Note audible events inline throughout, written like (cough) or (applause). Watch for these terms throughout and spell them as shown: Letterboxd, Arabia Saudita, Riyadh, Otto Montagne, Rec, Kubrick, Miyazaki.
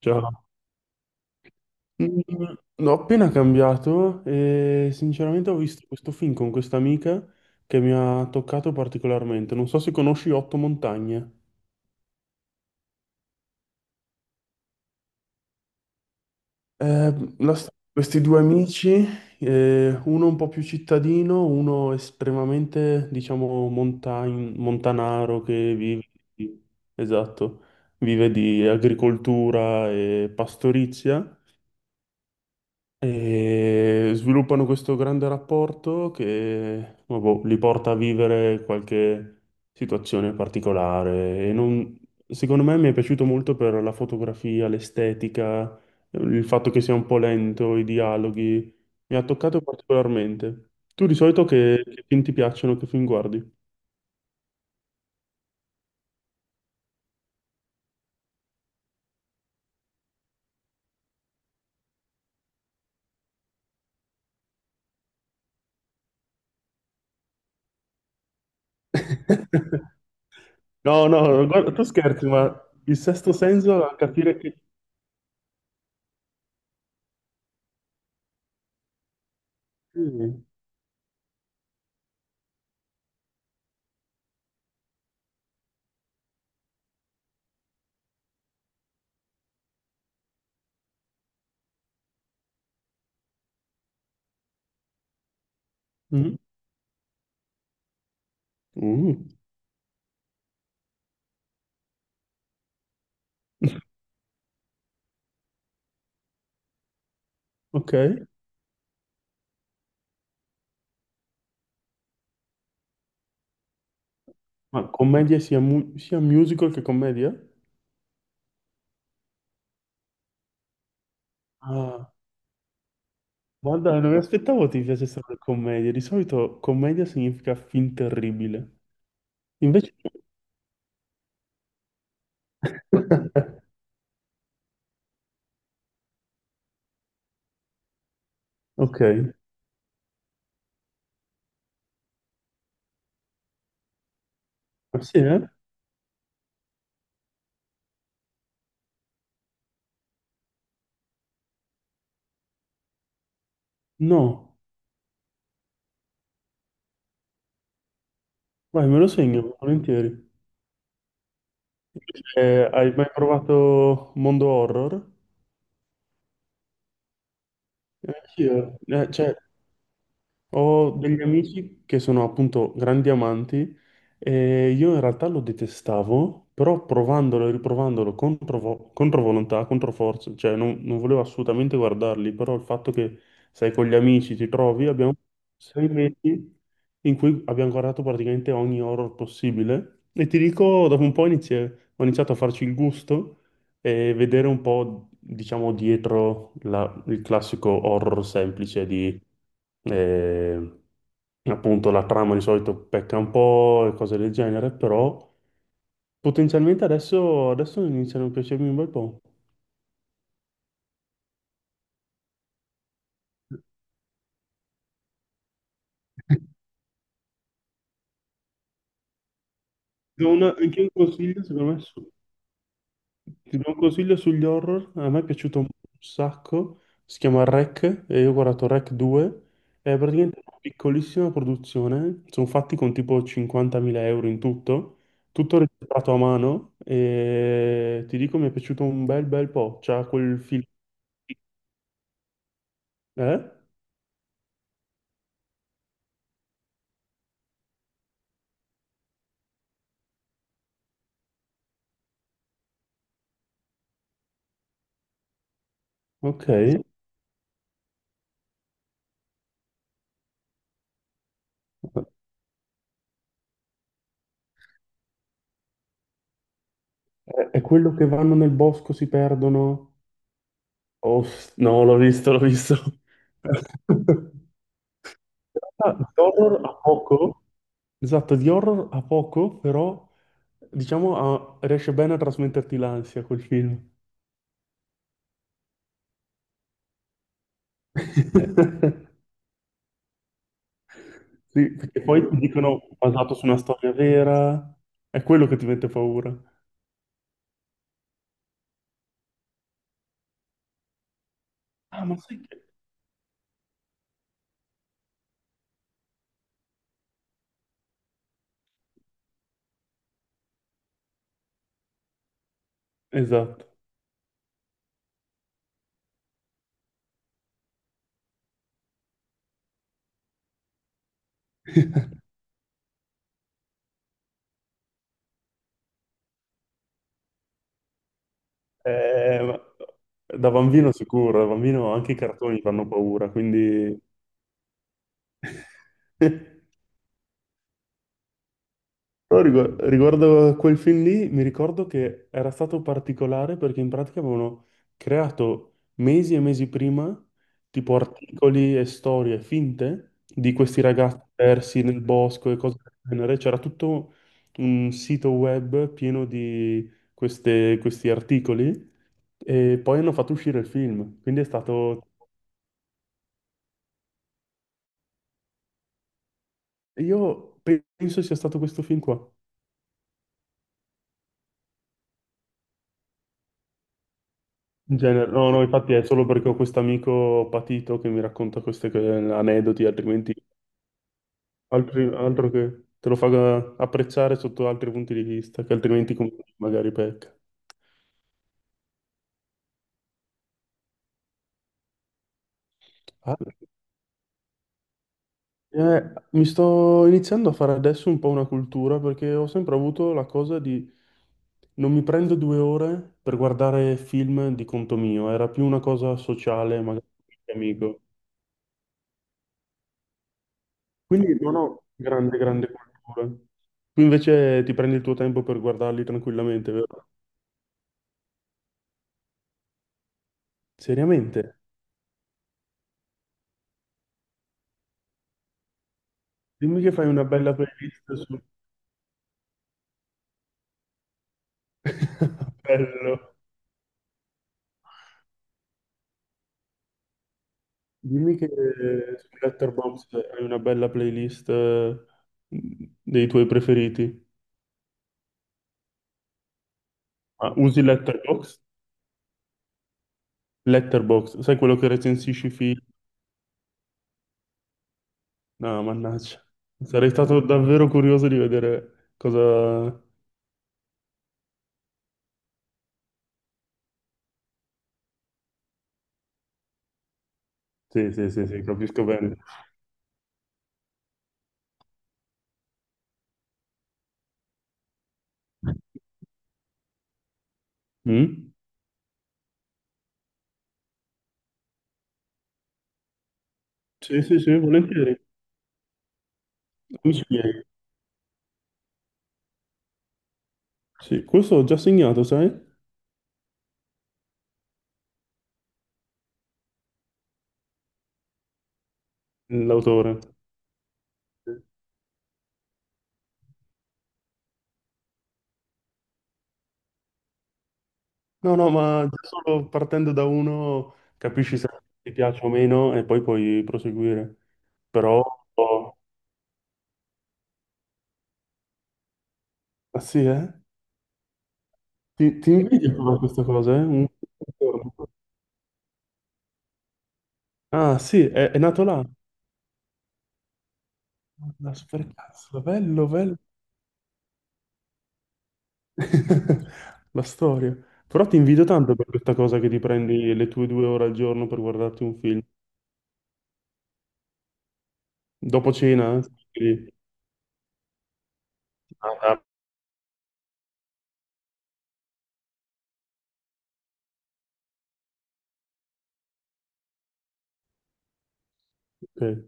Ciao. Mm, L'ho appena cambiato e sinceramente ho visto questo film con questa amica che mi ha toccato particolarmente. Non so se conosci Otto Montagne. Questi due amici, uno un po' più cittadino, uno estremamente, diciamo, montanaro che vive di, esatto, vive di agricoltura e pastorizia. E sviluppano questo grande rapporto che vabbò, li porta a vivere qualche situazione particolare. Secondo me mi è piaciuto molto per la fotografia, l'estetica, il fatto che sia un po' lento, i dialoghi. Mi ha toccato particolarmente. Tu di solito che film ti piacciono, che film guardi? (laughs) No, no, guarda, tu scherzi, ma il sesto senso a capire che... Mm. Mm. Uh. (laughs) Ok. Ma commedia sia, sia musical che commedia? Ah, guarda, non mi aspettavo ti piacesse la commedia. Di solito commedia significa film terribile. Invece... (laughs) Ok, ma sì, eh? No, vai, me lo segno, volentieri. Invece, hai mai provato mondo horror? Sì, cioè, ho degli amici che sono appunto grandi amanti e io in realtà lo detestavo, però provandolo e riprovandolo contro, contro volontà, contro forza, cioè non volevo assolutamente guardarli, però il fatto che sei con gli amici, ti trovi, abbiamo sei mesi in cui abbiamo guardato praticamente ogni horror possibile e ti dico, dopo un po' ho iniziato a farci il gusto e vedere un po', diciamo, dietro il classico horror semplice di, eh, appunto, la trama di solito pecca un po' e cose del genere, però potenzialmente adesso iniziano a piacermi un bel po'. (laughs) Anche un consiglio, secondo me, ti do un consiglio sugli horror, a me è piaciuto un sacco, si chiama Rec, e io ho guardato Rec 2, è praticamente una piccolissima produzione, sono fatti con tipo 50.000 euro in tutto, tutto registrato a mano, e ti dico mi è piaciuto un bel po', c'ha quel film... Eh? Ok, è quello che vanno nel bosco, si perdono? Oh, no, l'ho visto, l'ho visto. (laughs) Ah, l'horror a poco? Esatto, di horror ha poco, però diciamo riesce bene a trasmetterti l'ansia quel film. (laughs) Eh, sì, perché poi ti dicono basato su una storia vera, è quello che ti mette paura. Ah, ma sai che... Esatto. Ma- da bambino sicuro, da bambino anche i cartoni fanno paura, quindi... (laughs) No, riguardo a quel film lì, mi ricordo che era stato particolare perché in pratica avevano creato mesi e mesi prima tipo articoli e storie finte di questi ragazzi persi nel bosco e cose del genere. C'era tutto un sito web pieno di questi articoli e poi hanno fatto uscire il film. Quindi è stato... Io penso sia stato questo film qua. In genere- no, no, infatti è solo perché ho questo amico patito che mi racconta questi aneddoti, altrimenti altro che te lo fa apprezzare sotto altri punti di vista, che altrimenti magari pecca. Ah, mi sto iniziando a fare adesso un po' una cultura perché ho sempre avuto la cosa di non mi prendo due ore per guardare film di conto mio, era più una cosa sociale, magari con qualche amico. Quindi non ho grande cultura. Tu invece ti prendi il tuo tempo per guardarli tranquillamente, vero? Seriamente? Dimmi che fai una bella playlist su... (laughs) Bello. Dimmi che su Letterboxd hai una bella playlist dei tuoi preferiti. Ah, usi Letterboxd? Letterboxd, sai quello che recensisci film? No, mannaggia. Sarei stato davvero curioso di vedere cosa... Sì, sì, sì, sì, capisco bene. Mm? Sì, sì, sì, volentieri. Mi spiego. Sì, questo ho già segnato, sai? L'autore. No, no, ma già solo partendo da uno capisci se ti piace o meno e poi puoi proseguire. Però... oh, ah sì, eh? Ti invidio per questa cosa, eh? Un- ah sì, è nato là. La supercazzo, bello, bello. (laughs) La storia. Però ti invidio tanto per questa cosa che ti prendi le tue due ore al giorno per guardarti un film. Dopo cena? Eh? Quindi- ah, ah, ok.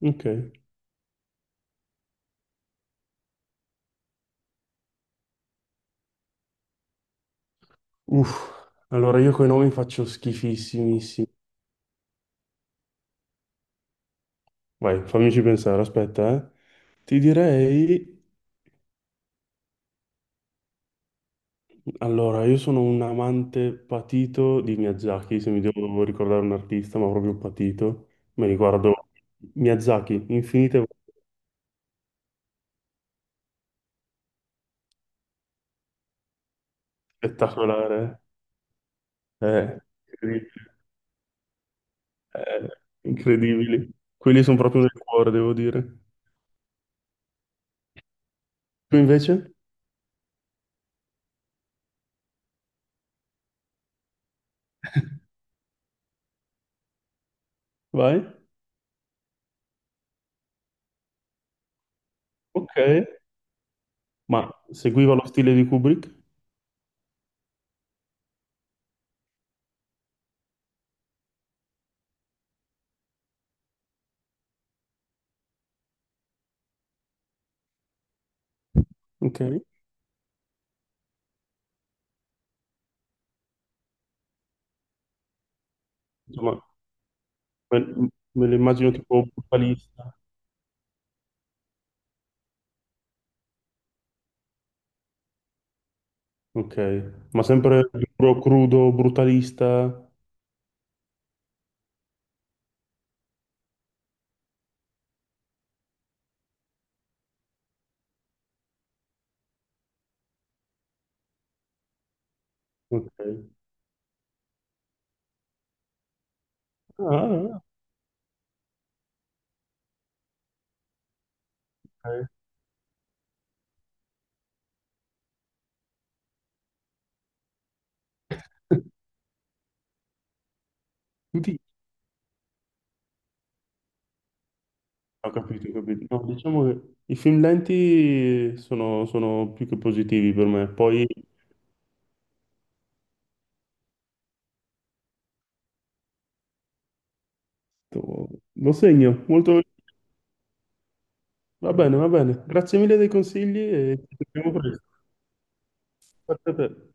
Ok. Uff. Allora io coi nomi faccio schifissimissimi. Vai, fammici pensare, aspetta, eh. Ti direi... allora, io sono un amante patito di Miyazaki, se mi devo ricordare un artista, ma proprio patito. Mi riguardo Miyazaki, infinite volte, spettacolare. Eh, incredibile. Eh, incredibili. Quelli sono proprio nel cuore, devo dire. Tu invece? Vai? Ok. Ma seguiva lo stile di Kubrick? Ok. Insomma, me, me lo immagino tipo brutalista. Ok, ma sempre duro, crudo, brutalista. Ok. Ah, ah, ok. (laughs) Tutti- ho capito, ho capito. No, diciamo che i film lenti sono più che positivi per me. Poi to- lo segno, molto... Va bene, va bene. Grazie mille dei consigli e ci sentiamo presto. Grazie a te.